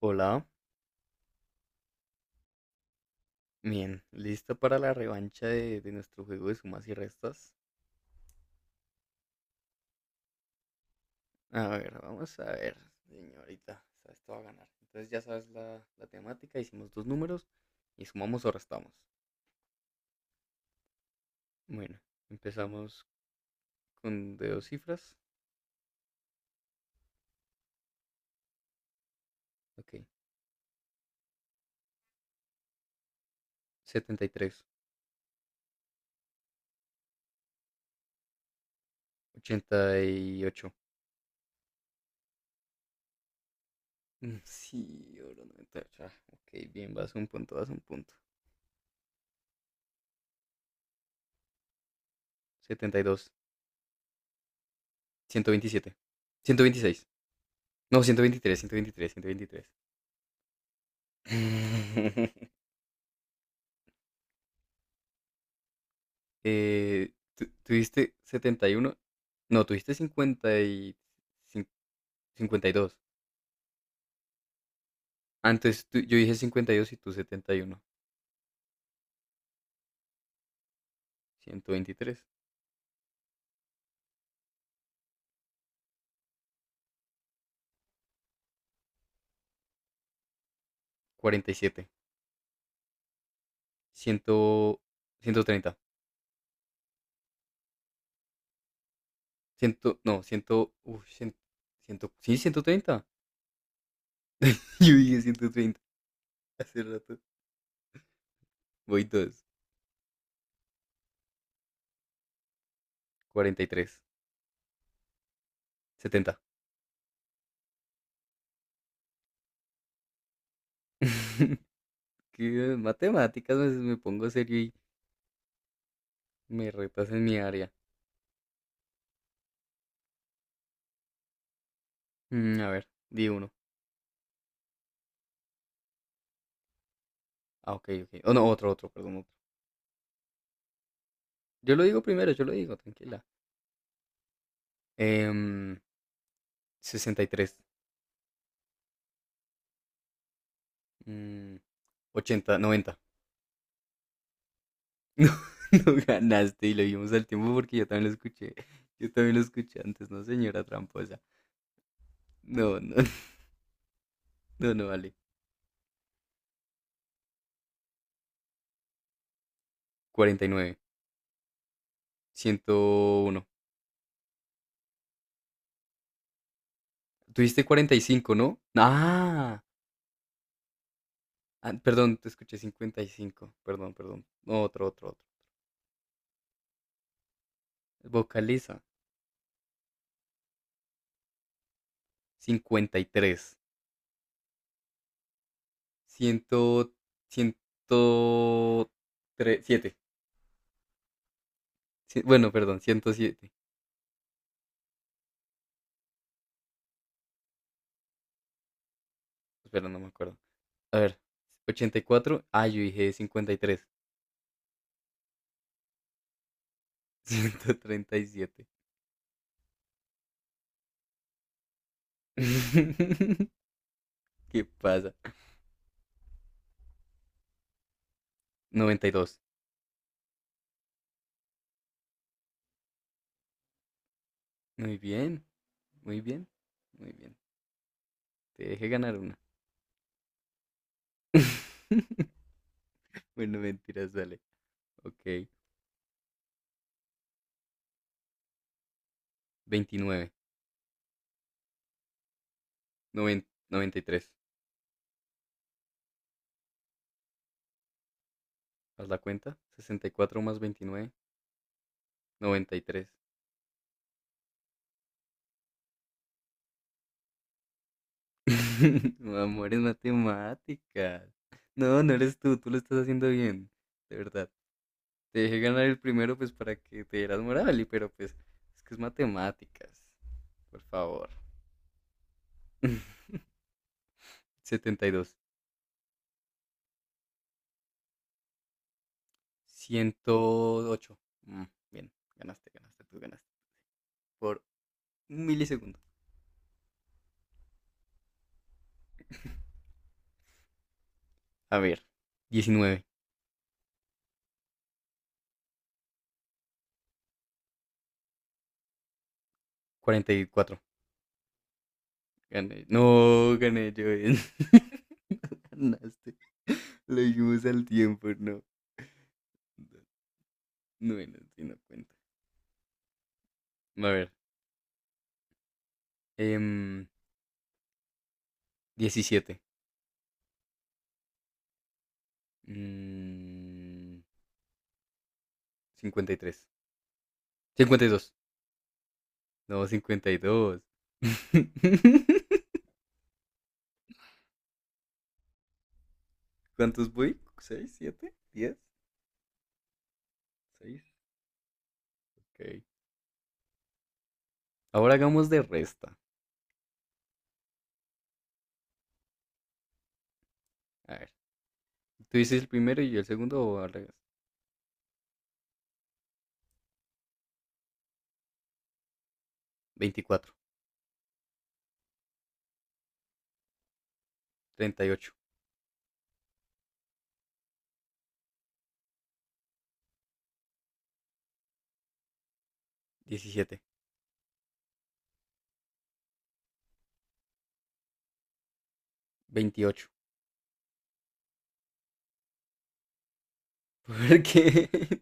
Hola, bien, ¿listo para la revancha de nuestro juego de sumas y restas? A ver, vamos a ver, señorita, o sea, esto va a ganar. Entonces ya sabes la temática, hicimos dos números y sumamos o restamos. Bueno, empezamos con de dos cifras. Ok, 73, 88. Mm, sí, oro 98. Ah, ok, bien, vas un punto, vas un punto. Setenta y dos, 127, 126. No, ciento veintitrés, 123, 123. Tuviste 71. No, tuviste 50 y cin- 52. Yo dije 52 y tú 71. 123. Cuarenta y siete, 47. 130, 100. No, 100. 100, 100. Sí, 130. Yo dije 130 hace rato. Voy 2. 43, 70. ¿Qué? Matemáticas, me pongo serio y me retas en mi área. A ver, di 1. Ah, ok, ok. Oh, no, otro, otro, perdón. Yo lo digo primero, yo lo digo, tranquila. Em, 63, mm, 80, 90. No, no ganaste y lo vimos al tiempo porque yo también lo escuché. Yo también lo escuché antes, ¿no, señora tramposa? No, no. No, no vale. 49, 101. Tuviste 45, ¿no? Ah, ah, perdón, te escuché 55. Perdón, perdón. No, otro, otro, otro. Vocaliza. 53, 100, 107. Sí, bueno, perdón, 107. Espera, no me acuerdo. A ver, 84. Ah, yo dije 53. 137. ¿Qué pasa? 92. Muy bien, muy bien, muy bien. Te dejé ganar 1. Bueno, mentiras, dale. Ok, 29. 93. ¿Haz la cuenta? 64 más 29. 93. No, amor, es matemáticas. No, no eres tú, tú lo estás haciendo bien. De verdad. Te dejé ganar el primero, pues para que te dieras moral, y pero pues es que es matemáticas. Por favor. 72. 108. Bien, ganaste, ganaste, tú ganaste. Por un milisegundo. A ver, 19. 44. Gané. No, gané yo. No ganaste. Lo dijimos al tiempo, no. No, no, sí, no cuenta. A ver, em, 17. Mm, 53. Cincuenta y dos. No, cincuenta y dos. ¿Cuántos voy? Seis, siete, diez, seis. Ok. Ahora hagamos de resta. A ver, tú dices el primero y yo el segundo o al revés. 24, 38, 17, 28. ¿Por qué?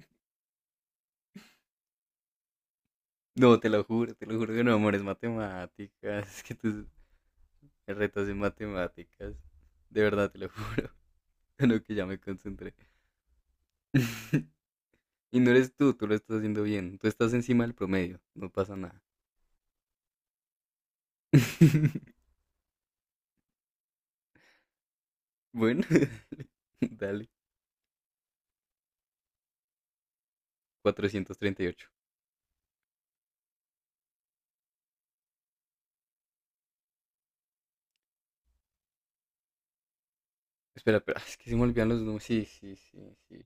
No, te lo juro que no, amor, es matemáticas. Es que tus retos en matemáticas. De verdad, te lo juro. Lo que ya me concentré. Y no eres tú, tú lo estás haciendo bien. Tú estás encima del promedio. No pasa nada. Bueno. Dale. 438. Espera, espera, es que se me olvidan los números. Sí, sí, sí, sí.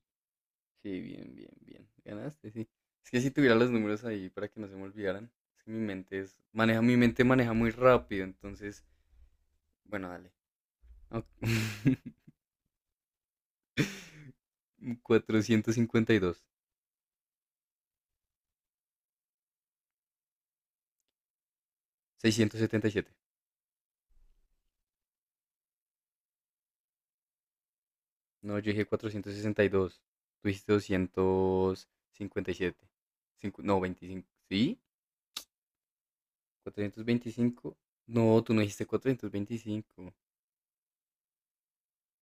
Sí, bien, bien, bien. Ganaste, sí. Es que si tuviera los números ahí para que no se me olvidaran. Es que mi mente es. Maneja, mi mente maneja muy rápido, entonces. Bueno, dale. Ok. 452. 677. No, yo dije 462. Tú dijiste 257. No, 25. ¿Sí? 425. No, tú no dijiste 425.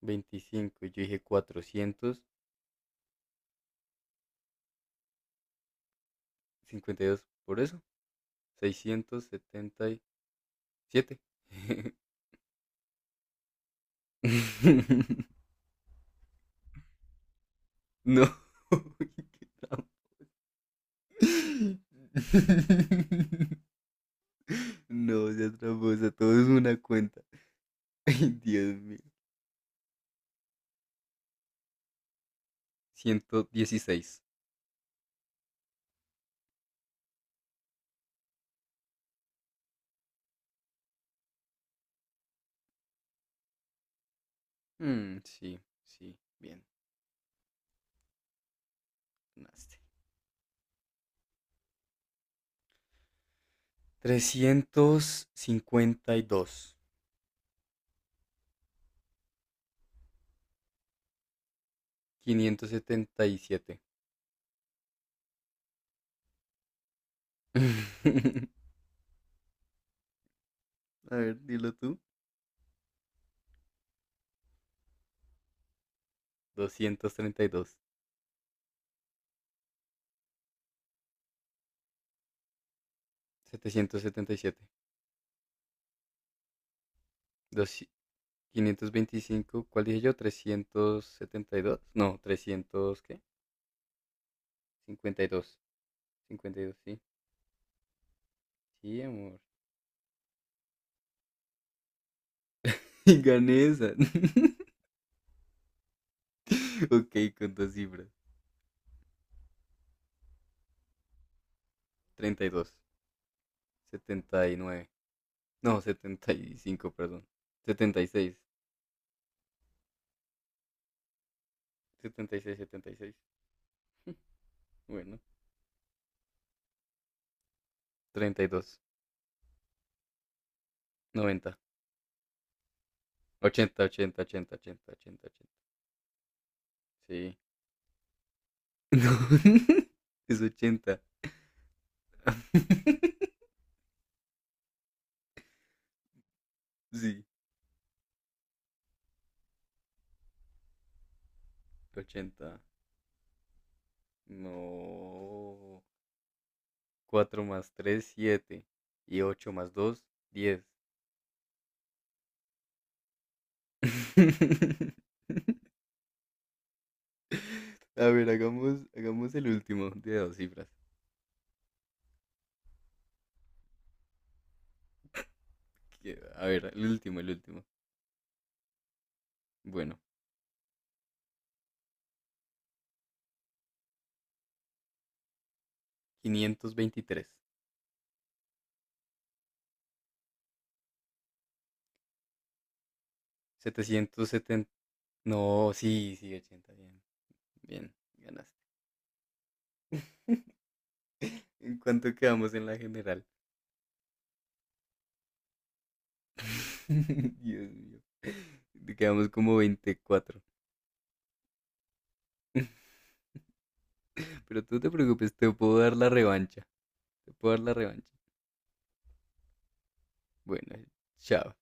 25, 25. Y yo dije 452. Por eso, 677. No. Qué trampa. No, ya tramposa. Todo es una cuenta. Ay, Dios mío. 116. Mm, sí, sí. Bien. 352. 577. A ver, dilo tú. Doscientos treinta y dos- 777, dos. 525. ¿Cuál dije yo? 372. No, trescientos, ¿qué? Cincuenta y dos, 52. Sí, sí, amor. Y gané esa. Ok, con dos cifras. 32, 79. No, 75. Perdón. Setenta y 6, 76, 76. Bueno, 32, 90, 80, ochenta, 80, 80, 80, 80. Ochenta, sí. No, es 80. Sí, 80. No. 4 más 3, 7. Y 8 más 2, 10. A ver, hagamos el último de dos cifras. A ver, el último, el último. Bueno, 523, setecientos 770. No, sí, sí, 80. Bien, bien, ganaste. ¿En cuánto quedamos en la general? Dios mío. Te quedamos como 24. Pero tú no te preocupes, te puedo dar la revancha. Te puedo dar la revancha. Bueno, chao.